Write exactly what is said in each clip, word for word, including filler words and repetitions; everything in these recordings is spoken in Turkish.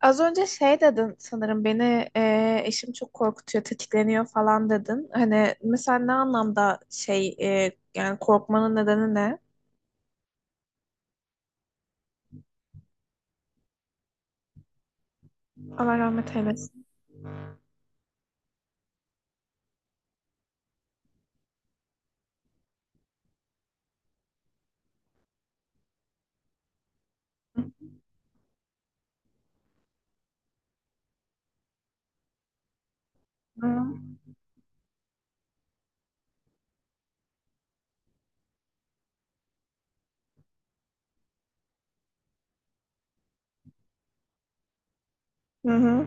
Az önce şey dedin sanırım beni e, eşim çok korkutuyor, tetikleniyor falan dedin. Hani mesela ne anlamda şey e, yani korkmanın nedeni ne? Allah rahmet eylesin. Hı hı hı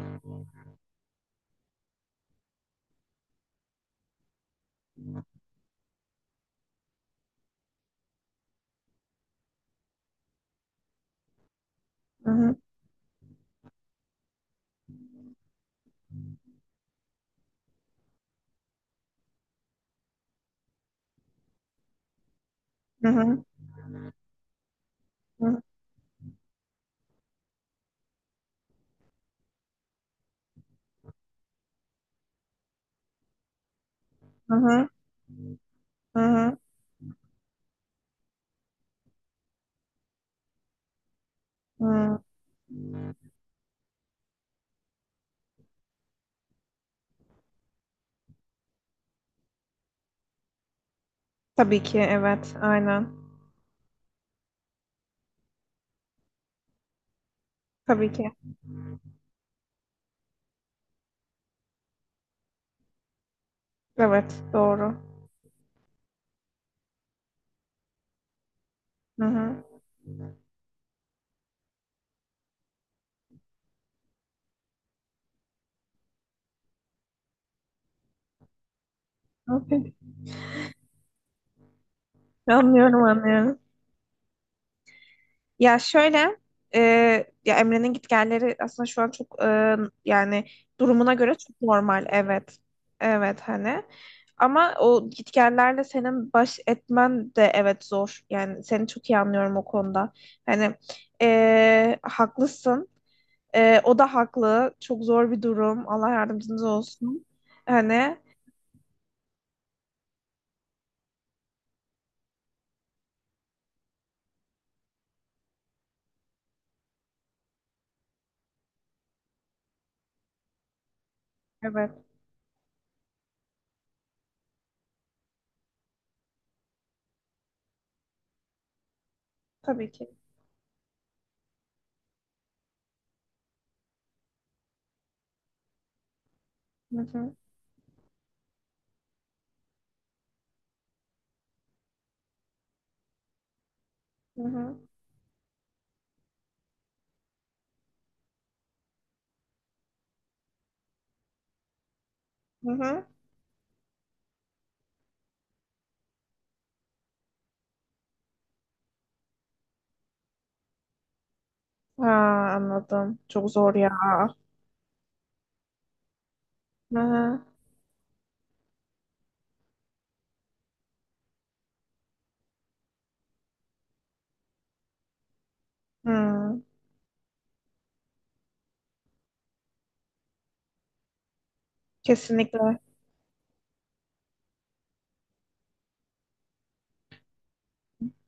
hı hı hı hı hı hı hı. Hı. Tabii ki evet aynen. Tabii ki. Evet doğru. Hı hı. Okey. Anlıyorum anlıyorum. Ya şöyle, e, ya Emre'nin gitgelleri aslında şu an çok e, yani durumuna göre çok normal. Evet. Evet hani. Ama o gitgellerle senin baş etmen de evet zor. Yani seni çok iyi anlıyorum o konuda. Hani e, haklısın. E, o da haklı. Çok zor bir durum. Allah yardımcınız olsun. Hani evet tabii ki. Hı hı, hı hı, hı hı. Ha, anladım. Çok zor ya. Hı hı. Hı. Kesinlikle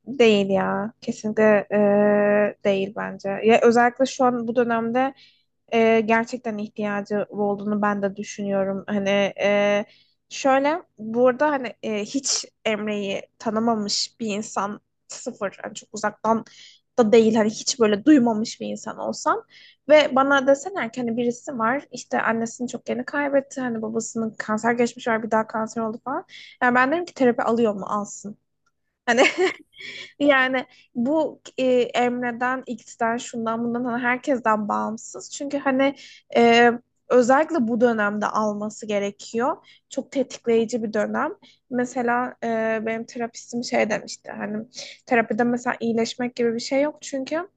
değil ya. Kesinlikle e, değil bence. Ya özellikle şu an bu dönemde e, gerçekten ihtiyacı olduğunu ben de düşünüyorum. Hani e, şöyle burada hani e, hiç Emre'yi tanımamış bir insan, sıfır hani çok uzaktan da değil hani hiç böyle duymamış bir insan olsam ve bana deseler ki hani birisi var, işte annesini çok yeni kaybetti, hani babasının kanser geçmiş var, bir daha kanser oldu falan. Yani ben derim ki terapi alıyor mu, alsın. Hani, Yani bu e, Emre'den, X'den, şundan bundan, hani herkesten bağımsız. Çünkü hani e, özellikle bu dönemde alması gerekiyor. Çok tetikleyici bir dönem. Mesela e, benim terapistim şey demişti hani terapide mesela iyileşmek gibi bir şey yok, çünkü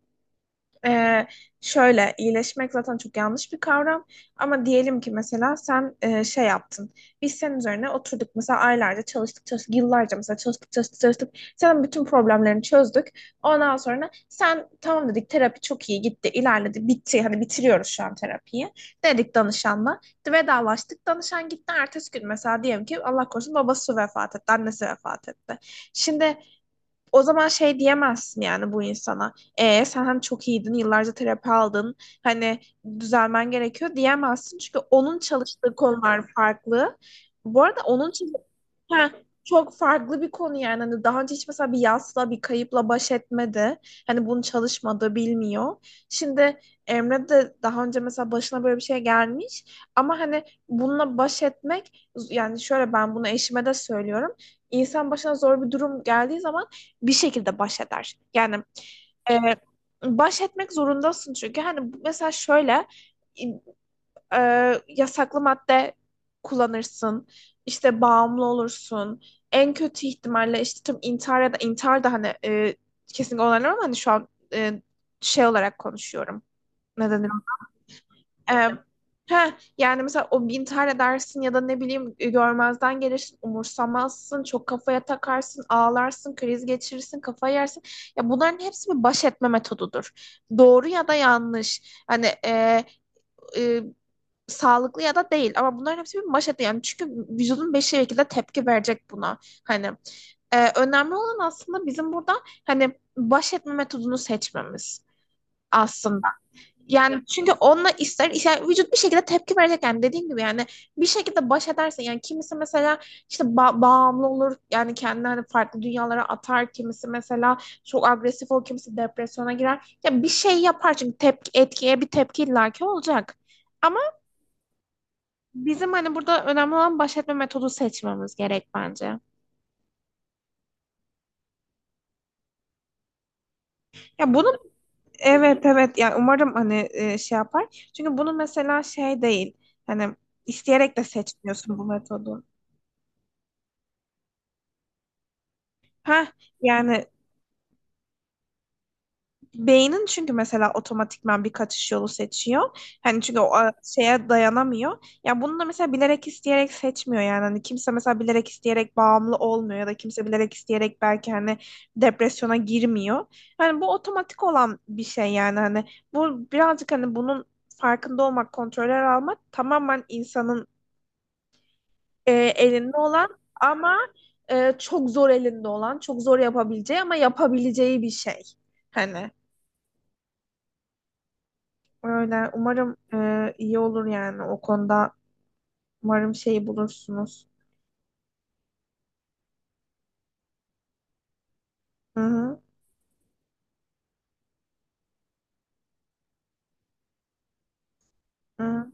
ee, şöyle iyileşmek zaten çok yanlış bir kavram, ama diyelim ki mesela sen e, şey yaptın, biz senin üzerine oturduk, mesela aylarca çalıştık çalıştık, yıllarca mesela çalıştık çalıştık çalıştık, senin bütün problemlerini çözdük, ondan sonra sen tamam dedik, terapi çok iyi gitti, ilerledi, bitti, hani bitiriyoruz şu an terapiyi dedik, danışanla vedalaştık, danışan gitti, ertesi gün mesela diyelim ki Allah korusun babası vefat etti, annesi vefat etti. Şimdi o zaman şey diyemezsin yani bu insana. E sen hani çok iyiydin, yıllarca terapi aldın. Hani düzelmen gerekiyor diyemezsin. Çünkü onun çalıştığı konular farklı. Bu arada onun için, Heh, çok farklı bir konu yani. Hani daha önce hiç mesela bir yasla, bir kayıpla baş etmedi. Hani bunu çalışmadı, bilmiyor. Şimdi Emre de daha önce mesela başına böyle bir şey gelmiş. Ama hani bununla baş etmek, yani şöyle, ben bunu eşime de söylüyorum. İnsan başına zor bir durum geldiği zaman bir şekilde baş eder. Yani e, baş etmek zorundasın, çünkü hani mesela şöyle e, yasaklı madde kullanırsın, işte bağımlı olursun, en kötü ihtimalle işte tüm intihar ya da intihar da hani e, kesinlikle onaylamam, ama hani şu an e, şey olarak konuşuyorum, neden? Ee, heh, yani mesela o intihar dersin ya da ne bileyim, e, görmezden gelirsin, umursamazsın, çok kafaya takarsın, ağlarsın, kriz geçirirsin, kafa yersin. Ya bunların hepsi bir baş etme metodudur. Doğru ya da yanlış. Hani e, e, sağlıklı ya da değil, ama bunların hepsi bir baş etme. Yani çünkü vücudun bir şekilde tepki verecek buna. Hani e, önemli olan aslında bizim burada hani baş etme metodunu seçmemiz aslında. Yani çünkü onunla ister, yani vücut bir şekilde tepki verecek yani, dediğim gibi, yani bir şekilde baş edersin. Yani kimisi mesela işte ba- bağımlı olur, yani kendini hani farklı dünyalara atar, kimisi mesela çok agresif olur, kimisi depresyona girer ya bir şey yapar, çünkü tepki, etkiye bir tepki illaki olacak, ama bizim hani burada önemli olan baş etme metodu seçmemiz gerek bence. Ya bunu, evet evet, yani umarım hani e, şey yapar, çünkü bunu mesela şey değil, hani isteyerek de seçmiyorsun bu metodu. Ha, yani beynin çünkü mesela otomatikman bir kaçış yolu seçiyor. Hani çünkü o a, şeye dayanamıyor. Ya bunu da mesela bilerek isteyerek seçmiyor yani. Hani kimse mesela bilerek isteyerek bağımlı olmuyor, ya da kimse bilerek isteyerek belki hani depresyona girmiyor. Hani bu otomatik olan bir şey yani, hani bu birazcık hani bunun farkında olmak, kontroller almak tamamen insanın e, elinde olan, ama e, çok zor elinde olan, çok zor yapabileceği ama yapabileceği bir şey. Hani. Öyle. Umarım e, iyi olur yani o konuda. Umarım şey bulursunuz. Hı hı. Hı.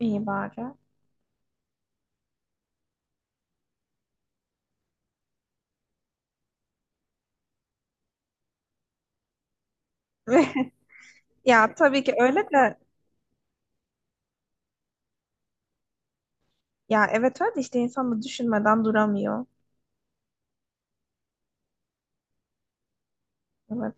İyi bari. Ya tabii ki öyle de, ya evet öyle de, işte insan da düşünmeden duramıyor. Evet.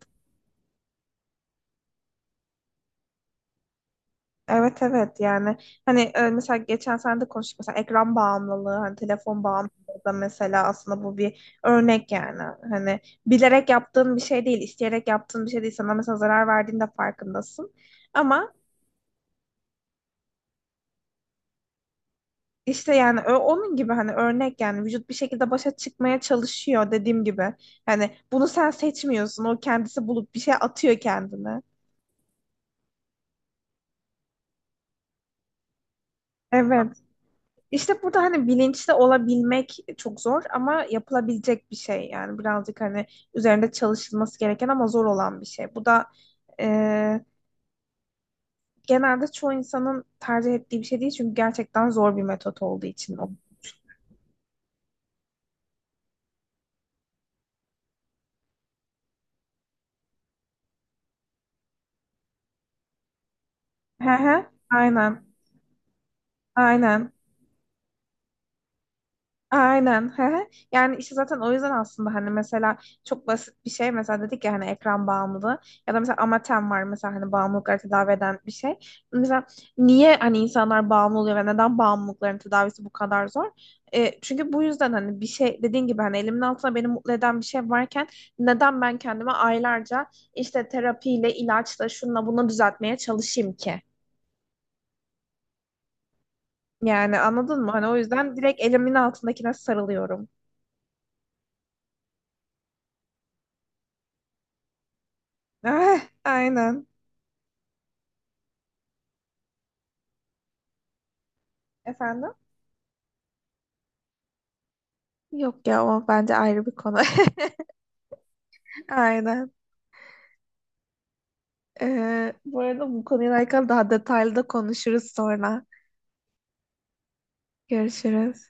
Evet evet, yani hani e, mesela geçen sene de konuştuk, mesela ekran bağımlılığı, hani telefon bağımlılığı da mesela aslında bu bir örnek yani, hani bilerek yaptığın bir şey değil, isteyerek yaptığın bir şey değil, sana mesela zarar verdiğinde farkındasın ama. İşte yani, ö- onun gibi hani, örnek yani, vücut bir şekilde başa çıkmaya çalışıyor, dediğim gibi. Hani bunu sen seçmiyorsun. O kendisi bulup bir şey atıyor kendine. Evet. İşte burada hani bilinçli olabilmek çok zor ama yapılabilecek bir şey. Yani birazcık hani üzerinde çalışılması gereken ama zor olan bir şey. Bu da genelde çoğu insanın tercih ettiği bir şey değil, çünkü gerçekten zor bir metot olduğu için. O. Hı hı, aynen, aynen. Aynen. Hı hı. Yani işte zaten o yüzden aslında, hani mesela çok basit bir şey mesela, dedik ya hani ekran bağımlılığı ya da mesela Amatem var mesela, hani bağımlılıkları tedavi eden bir şey. Mesela niye hani insanlar bağımlı oluyor ve neden bağımlılıkların tedavisi bu kadar zor? E, çünkü bu yüzden hani, bir şey dediğin gibi hani, elimin altında beni mutlu eden bir şey varken neden ben kendime aylarca işte terapiyle, ilaçla, şunla bunu düzeltmeye çalışayım ki? Yani anladın mı? Hani o yüzden direkt elimin altındakine sarılıyorum. Aynen. Efendim? Yok ya, o bence ayrı bir konu. Aynen. Ee, bu arada bu konuyla alakalı daha detaylı da konuşuruz sonra. Görüşürüz.